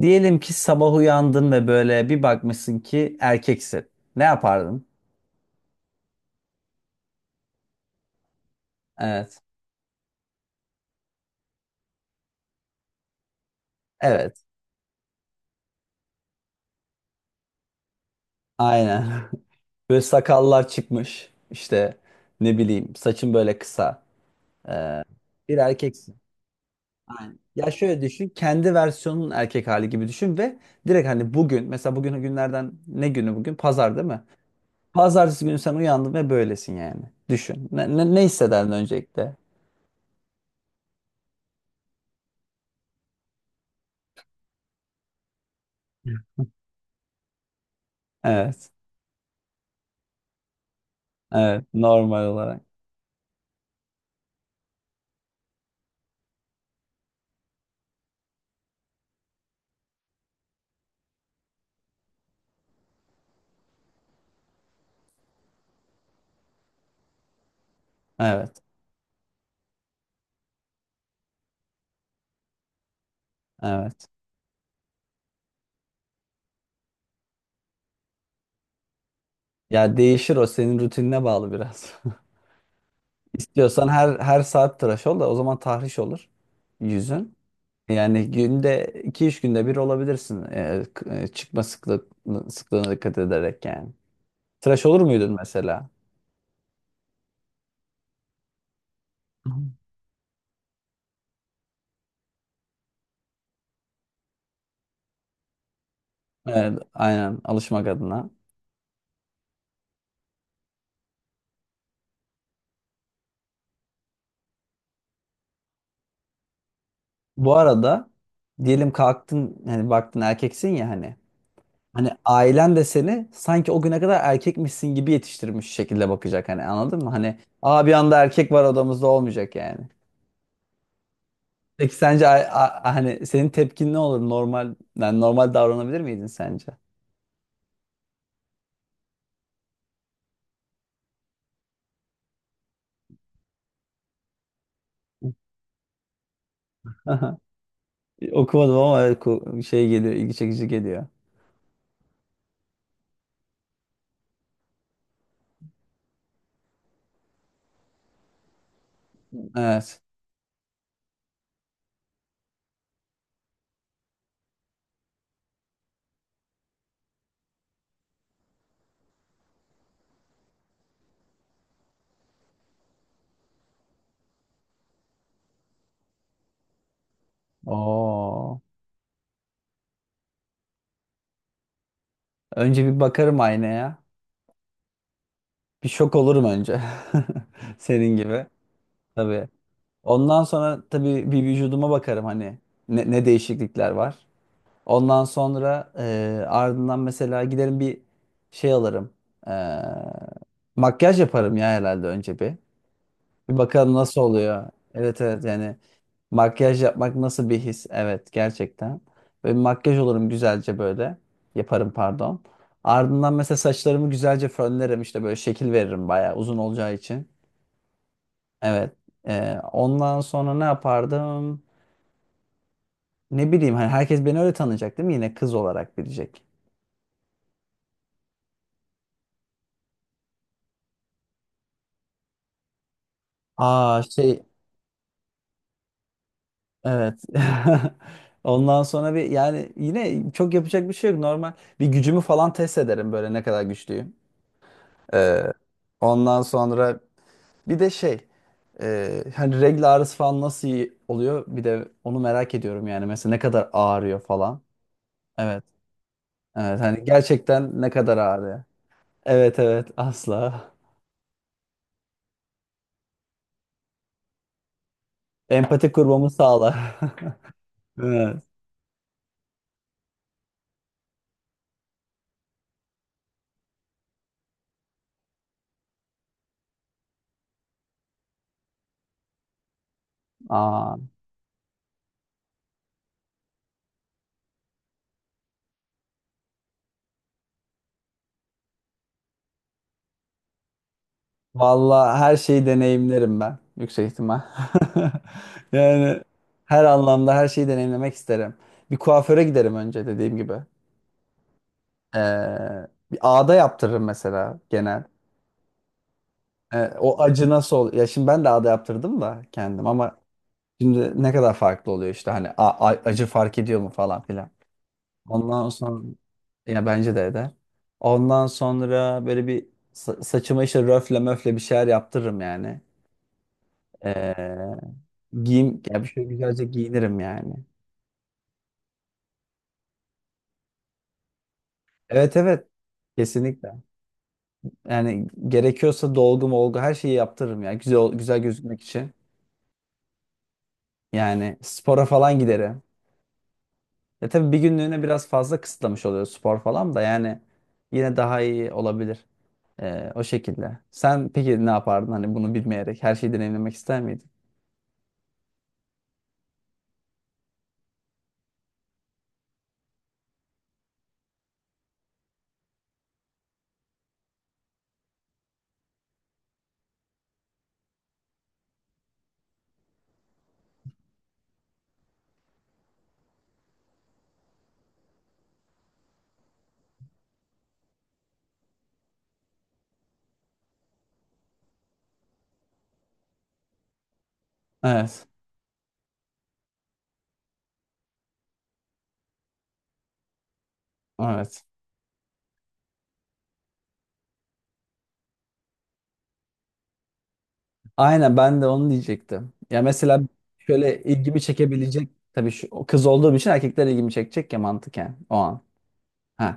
Diyelim ki sabah uyandın ve böyle bir bakmışsın ki erkeksin. Ne yapardın? Evet. Evet. Aynen. Böyle sakallar çıkmış. İşte ne bileyim saçın böyle kısa. Ee, bir erkeksin. Aynen. Ya şöyle düşün. Kendi versiyonun erkek hali gibi düşün ve direkt hani bugün mesela bugün günlerden ne günü bugün? Pazar değil mi? Pazartesi günü sen uyandın ve böylesin yani. Düşün. Ne hissederdin öncelikle? Evet. Evet. Normal olarak. Evet. Evet. Ya değişir o senin rutinine bağlı biraz. İstiyorsan her saat tıraş ol da o zaman tahriş olur yüzün. Yani günde iki üç günde bir olabilirsin çıkma sıklığına dikkat ederek yani. Tıraş olur muydun mesela? Hı. hı. Evet, aynen alışmak adına. Bu arada diyelim kalktın hani baktın erkeksin ya hani. Hani ailen de seni sanki o güne kadar erkekmişsin gibi yetiştirmiş şekilde bakacak hani anladın mı? Hani aa bir anda erkek var odamızda olmayacak yani. Peki sence hani senin tepkin ne olur? Normal yani normal davranabilir miydin sence? Aha. Okumadım ama şey geliyor, ilgi çekici geliyor. Evet. Oo. Önce bir bakarım aynaya. Bir şok olurum önce. Senin gibi. Tabii. Ondan sonra tabii bir vücuduma bakarım hani ne değişiklikler var. Ondan sonra ardından mesela giderim bir şey alırım. E, makyaj yaparım ya herhalde önce bir. Bir bakalım nasıl oluyor. Evet evet yani makyaj yapmak nasıl bir his? Evet gerçekten. Böyle bir makyaj olurum güzelce böyle. Yaparım pardon. Ardından mesela saçlarımı güzelce fönlerim işte böyle şekil veririm bayağı uzun olacağı için. Evet. Ondan sonra ne yapardım? Ne bileyim hani herkes beni öyle tanıyacak değil mi? Yine kız olarak bilecek. Aa şey evet. Ondan sonra bir yani yine çok yapacak bir şey yok. Normal bir gücümü falan test ederim böyle ne kadar güçlüyüm. Ee, ondan sonra bir de şey hani regl ağrısı falan nasıl iyi oluyor? Bir de onu merak ediyorum yani. Mesela ne kadar ağrıyor falan. Evet. Evet. Hani gerçekten ne kadar ağrıyor. Evet evet asla. Empati kurmamı sağlar. Evet. Aa, vallahi her şeyi deneyimlerim ben. Yüksek ihtimal. Yani her anlamda her şeyi deneyimlemek isterim. Bir kuaföre giderim önce dediğim gibi. Ee, bir ağda yaptırırım mesela genel. E, o acı nasıl ol? Ya şimdi ben de ağda yaptırdım da kendim ama şimdi ne kadar farklı oluyor işte hani acı fark ediyor mu falan filan. Ondan sonra ya bence de eder. Ondan sonra böyle bir saçıma işte röfle möfle bir şeyler yaptırırım yani. E, giyim ya bir şey güzelce giyinirim yani. Evet evet. Kesinlikle. Yani gerekiyorsa dolgu molgu her şeyi yaptırırım ya. Güzel güzel gözükmek için. Yani spora falan giderim. Ya tabii bir günlüğüne biraz fazla kısıtlamış oluyor spor falan da yani yine daha iyi olabilir. O şekilde. Sen peki ne yapardın hani bunu bilmeyerek her şeyi deneyimlemek ister miydin? Evet. Evet. Aynen ben de onu diyecektim. Ya mesela şöyle ilgimi çekebilecek tabii şu o kız olduğum için erkekler ilgimi çekecek ya mantıken o an. Heh.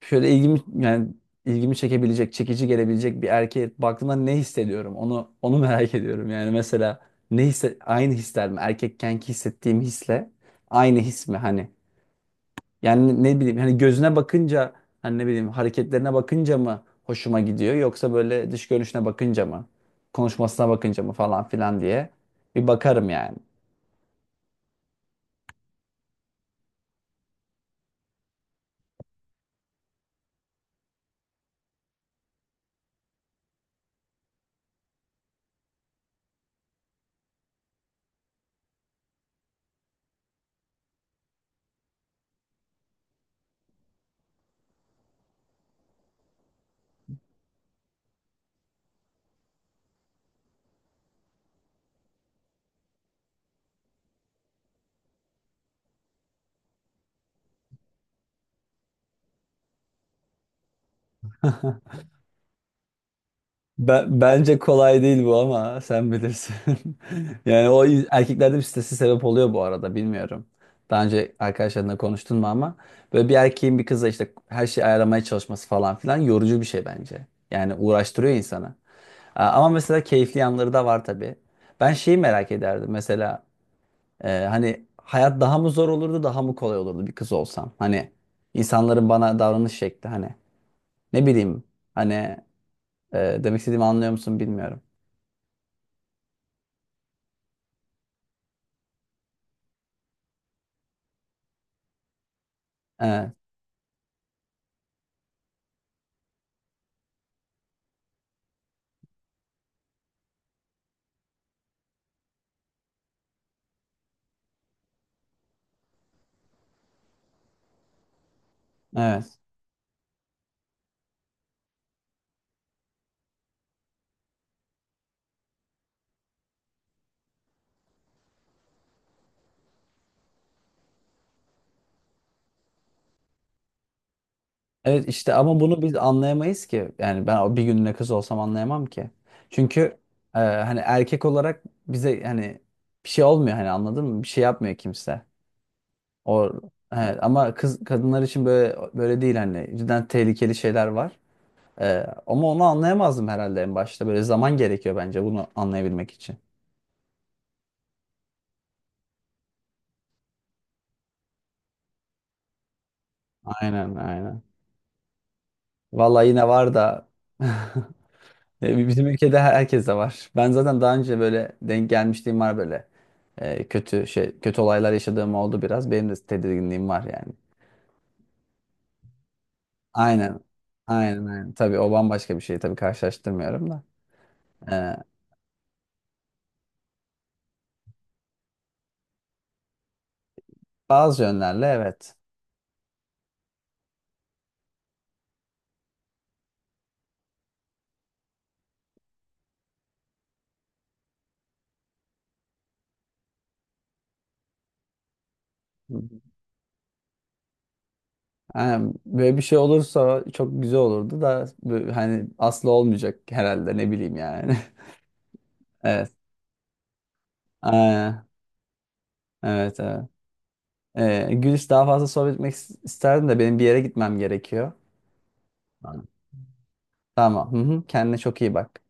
Şöyle ilgimi yani ilgimi çekebilecek, çekici gelebilecek bir erkeğe baktığımda ne hissediyorum? Onu merak ediyorum. Yani mesela ne hisse aynı hisler mi? Erkekkenki hissettiğim hisle aynı his mi hani? Yani ne bileyim hani gözüne bakınca hani ne bileyim hareketlerine bakınca mı hoşuma gidiyor yoksa böyle dış görünüşüne bakınca mı? Konuşmasına bakınca mı falan filan diye bir bakarım yani. Bence kolay değil bu ama sen bilirsin. Yani erkeklerde bir stresi sebep oluyor bu arada bilmiyorum. Daha önce arkadaşlarınla konuştun mu ama böyle bir erkeğin bir kızla işte her şeyi ayarlamaya çalışması falan filan yorucu bir şey bence. Yani uğraştırıyor insanı. Ama mesela keyifli yanları da var tabii. Ben şeyi merak ederdim mesela hani hayat daha mı zor olurdu daha mı kolay olurdu bir kız olsam. Hani insanların bana davranış şekli hani ne bileyim hani demek istediğimi anlıyor musun bilmiyorum. Evet, evet. Evet işte ama bunu biz anlayamayız ki. Yani ben o bir günlüğüne kız olsam anlayamam ki. Çünkü hani erkek olarak bize hani bir şey olmuyor hani anladın mı? Bir şey yapmıyor kimse. O evet, ama kadınlar için böyle değil hani cidden tehlikeli şeyler var. E, ama onu anlayamazdım herhalde en başta. Böyle zaman gerekiyor bence bunu anlayabilmek için. Aynen, aynen. Vallahi yine var da. E, bizim ülkede herkes de var. Ben zaten daha önce böyle denk gelmişliğim var böyle. Kötü kötü olaylar yaşadığım oldu biraz. Benim de tedirginliğim var yani. Aynen. Aynen aynen. Tabii o bambaşka bir şey. Tabii karşılaştırmıyorum da. E, bazı yönlerle evet. Hı hı. Aynen. Böyle bir şey olursa çok güzel olurdu da bu- hani asla olmayacak herhalde ne bileyim yani. Evet. Aynen. Evet evet. E, Gülis daha fazla sohbet etmek isterdim de benim bir yere gitmem gerekiyor. Tamam. Hı hı. Kendine çok iyi bak.